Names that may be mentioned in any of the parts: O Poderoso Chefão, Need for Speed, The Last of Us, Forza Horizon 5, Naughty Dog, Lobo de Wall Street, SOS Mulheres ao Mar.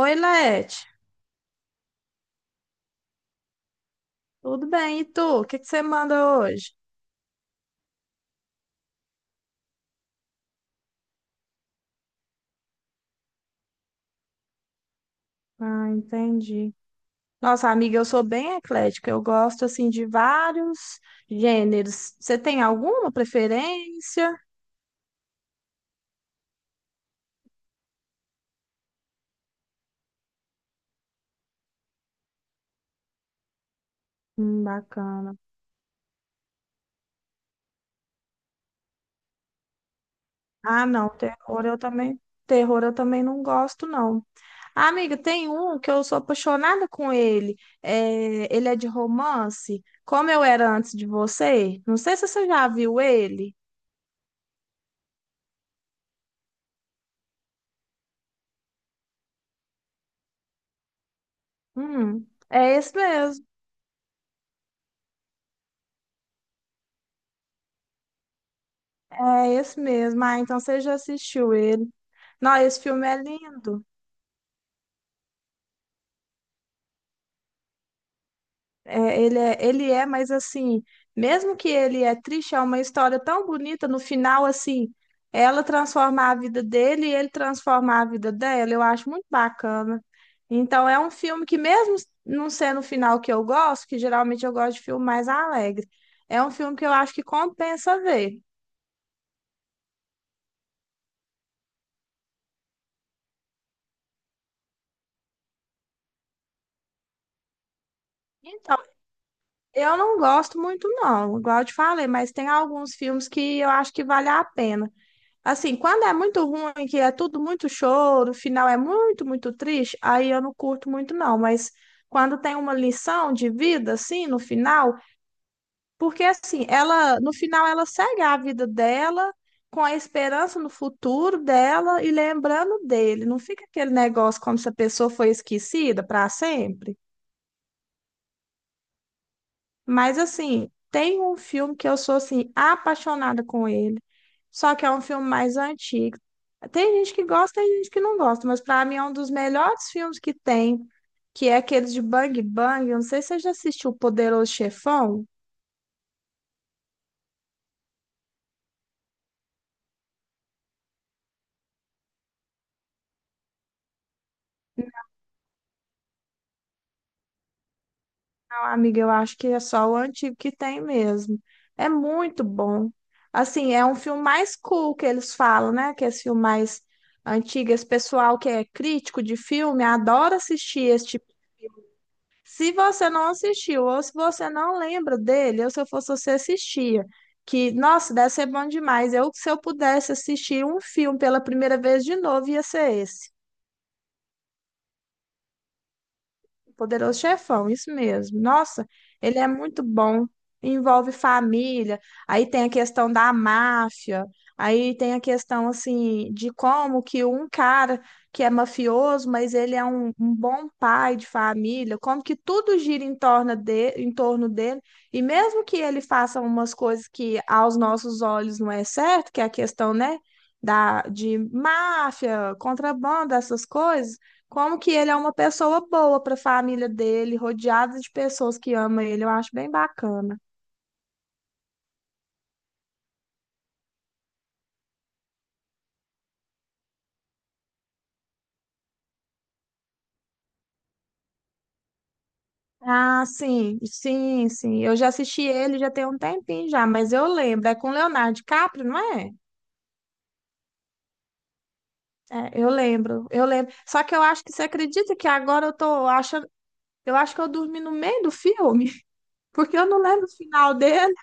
Oi, Lete. Tudo bem? E tu? O que que você manda hoje? Ah, entendi. Nossa, amiga, eu sou bem eclética. Eu gosto, assim, de vários gêneros. Você tem alguma preferência? Bacana. Ah, não. Terror eu também não gosto, não. Ah, amiga, tem um que eu sou apaixonada com ele. Ele é de romance. Como eu era antes de você. Não sei se você já viu ele. É esse mesmo. É esse mesmo. Ah, então você já assistiu ele. Não, esse filme é lindo. É, ele é, mas assim, mesmo que ele é triste, é uma história tão bonita. No final, assim, ela transformar a vida dele e ele transformar a vida dela. Eu acho muito bacana. Então, é um filme que, mesmo não sendo o final que eu gosto, que geralmente eu gosto de filme mais alegre, é um filme que eu acho que compensa ver. Então, eu não gosto muito, não, igual eu te falei, mas tem alguns filmes que eu acho que vale a pena. Assim, quando é muito ruim, que é tudo muito choro, o final é muito, muito triste, aí eu não curto muito, não. Mas quando tem uma lição de vida, assim, no final, porque assim, ela, no final, ela segue a vida dela com a esperança no futuro dela e lembrando dele. Não fica aquele negócio como se a pessoa foi esquecida para sempre. Mas assim, tem um filme que eu sou assim apaixonada com ele, só que é um filme mais antigo. Tem gente que gosta, tem gente que não gosta, mas para mim é um dos melhores filmes que tem, que é aquele de Bang Bang. Eu não sei se você já assistiu O Poderoso Chefão. Não, amiga, eu acho que é só o antigo que tem mesmo. É muito bom. Assim, é um filme mais cool que eles falam, né? Que é esse filme mais antigo. Esse pessoal que é crítico de filme adora assistir esse. Se você não assistiu ou se você não lembra dele, ou se eu fosse você assistia, que, nossa, deve ser bom demais. Eu, se eu pudesse assistir um filme pela primeira vez de novo, ia ser esse. Poderoso Chefão, isso mesmo. Nossa, ele é muito bom. Envolve família, aí tem a questão da máfia, aí tem a questão assim de como que um cara que é mafioso, mas ele é um bom pai de família, como que tudo gira em torno em torno dele, e mesmo que ele faça umas coisas que aos nossos olhos não é certo, que é a questão, né, de máfia, contrabando, essas coisas como que ele é uma pessoa boa para a família dele, rodeado de pessoas que amam ele, eu acho bem bacana. Ah, sim, sim, sim. Eu já assisti ele já tem um tempinho já, mas eu lembro. É com Leonardo DiCaprio, não é? É, eu lembro, eu lembro. Só que eu acho que você acredita que agora eu tô achando. Eu acho que eu dormi no meio do filme, porque eu não lembro o final dele.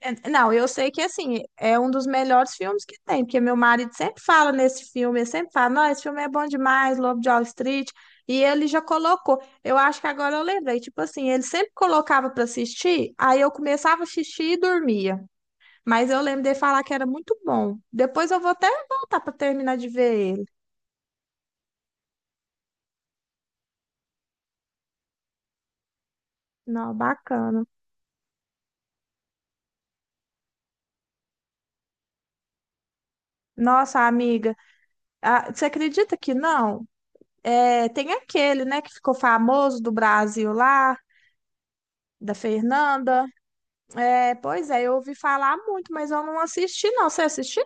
É, não, eu sei que assim, é um dos melhores filmes que tem, porque meu marido sempre fala nesse filme, ele sempre fala, não, esse filme é bom demais, Lobo de Wall Street, e ele já colocou. Eu acho que agora eu lembrei, tipo assim, ele sempre colocava pra assistir, aí eu começava a assistir e dormia. Mas eu lembro dele falar que era muito bom. Depois eu vou até voltar pra terminar de ver ele. Não, bacana. Nossa, amiga, ah, você acredita que não? É, tem aquele, né, que ficou famoso do Brasil lá, da Fernanda. É, pois é, eu ouvi falar muito, mas eu não assisti, não. Você assistiu?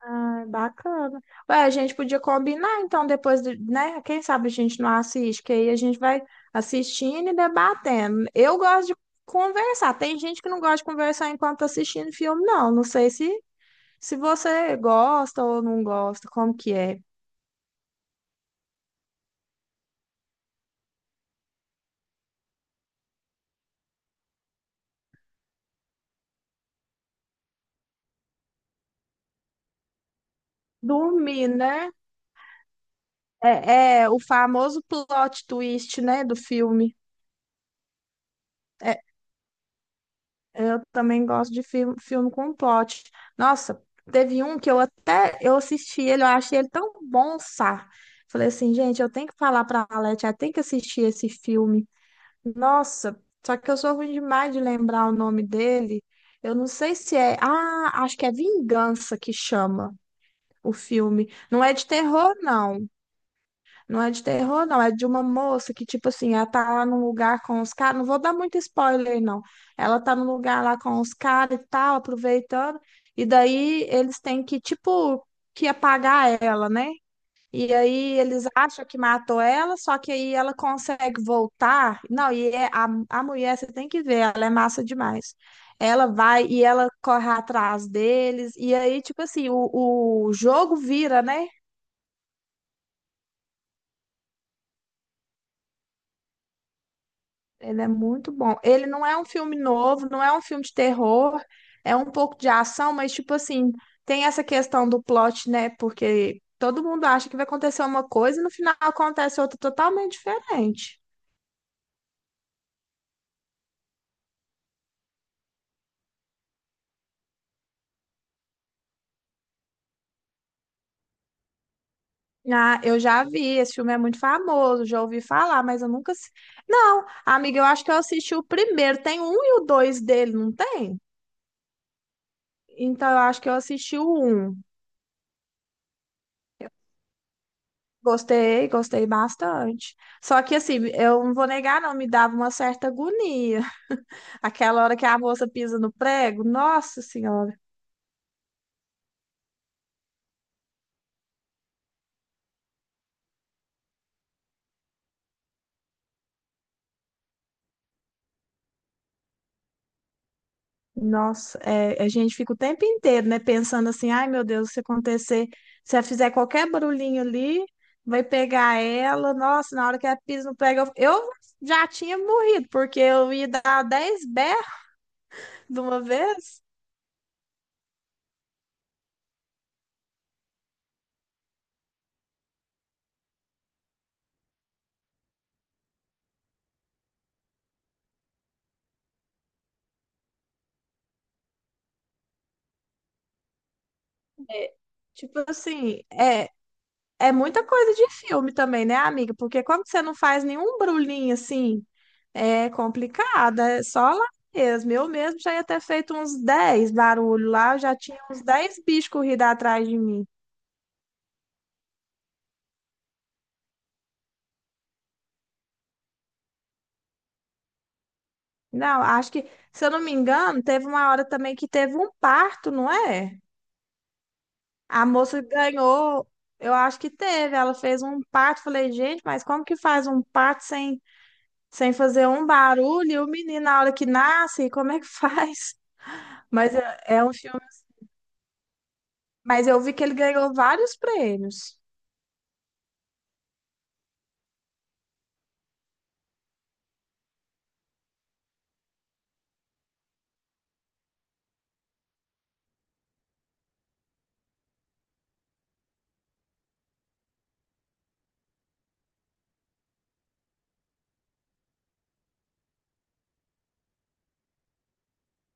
Ah, bacana. Ué, a gente podia combinar, então, depois, de, né? Quem sabe a gente não assiste, que aí a gente vai assistindo e debatendo. Eu gosto de conversar. Tem gente que não gosta de conversar enquanto tá assistindo filme, não. Não sei se você gosta ou não gosta, como que é. Dormir, né? É o famoso plot twist, né, do filme. Eu também gosto de filme com plot. Nossa, teve um que eu até eu assisti ele, eu achei ele tão bom, sá. Falei assim, gente, eu tenho que falar pra Alete, ela tem que assistir esse filme. Nossa, só que eu sou ruim demais de lembrar o nome dele. Eu não sei se é. Ah, acho que é Vingança que chama o filme. Não é de terror, não. Não é de terror, não. É de uma moça que, tipo assim, ela tá lá num lugar com os caras. Não vou dar muito spoiler, não. Ela tá num lugar lá com os caras e tal, aproveitando. E daí eles têm que, tipo, que apagar ela, né? E aí eles acham que matou ela, só que aí ela consegue voltar. Não, e a mulher, você tem que ver, ela é massa demais. Ela vai e ela corre atrás deles. E aí, tipo assim, o jogo vira, né? Ele é muito bom. Ele não é um filme novo, não é um filme de terror, é um pouco de ação, mas tipo assim, tem essa questão do plot, né? Porque todo mundo acha que vai acontecer uma coisa e no final acontece outra totalmente diferente. Ah, eu já vi, esse filme é muito famoso, já ouvi falar, mas eu nunca. Não, amiga, eu acho que eu assisti o primeiro. Tem um e o dois dele, não tem? Então eu acho que eu assisti o um. Gostei, gostei bastante. Só que assim, eu não vou negar, não, me dava uma certa agonia. Aquela hora que a moça pisa no prego, nossa senhora, nossa, é, a gente fica o tempo inteiro, né, pensando assim, ai meu Deus, se acontecer, se ela fizer qualquer barulhinho ali, vai pegar ela, nossa, na hora que ela pisa no prego, eu já tinha morrido, porque eu ia dar 10 berros de uma vez. É, tipo assim, É muita coisa de filme também, né, amiga? Porque quando você não faz nenhum brulhinho assim, é complicado, é só lá mesmo. Eu mesmo já ia ter feito uns 10 barulhos lá, eu já tinha uns 10 bichos corridos atrás de mim. Não, acho que, se eu não me engano, teve uma hora também que teve um parto, não é? A moça ganhou, eu acho que teve, ela fez um parto. Falei, gente, mas como que faz um parto sem fazer um barulho? E o menino, na hora que nasce, como é que faz? Mas é um filme. Mas eu vi que ele ganhou vários prêmios.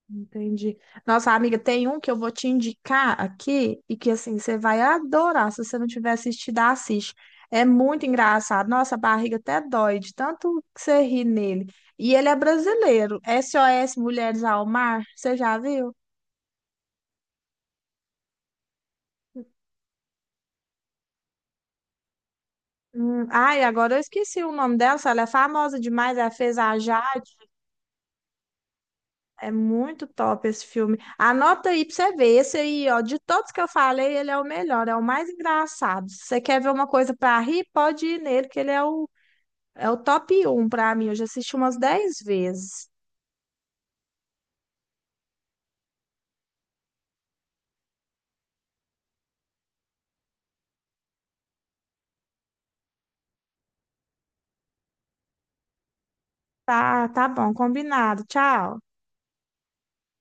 Entendi. Nossa, amiga, tem um que eu vou te indicar aqui e que assim você vai adorar. Se você não tiver assistido, assiste. É muito engraçado. Nossa, a barriga até dói de tanto que você ri nele. E ele é brasileiro. SOS Mulheres ao Mar. Você já viu? Ai, agora eu esqueci o nome dela. Ela é famosa demais. Ela fez a. É muito top esse filme. Anota aí pra você ver. Esse aí, ó, de todos que eu falei, ele é o melhor, é o mais engraçado. Se você quer ver uma coisa pra rir, pode ir nele, que ele é o top um pra mim. Eu já assisti umas 10 vezes. Tá, tá bom, combinado. Tchau.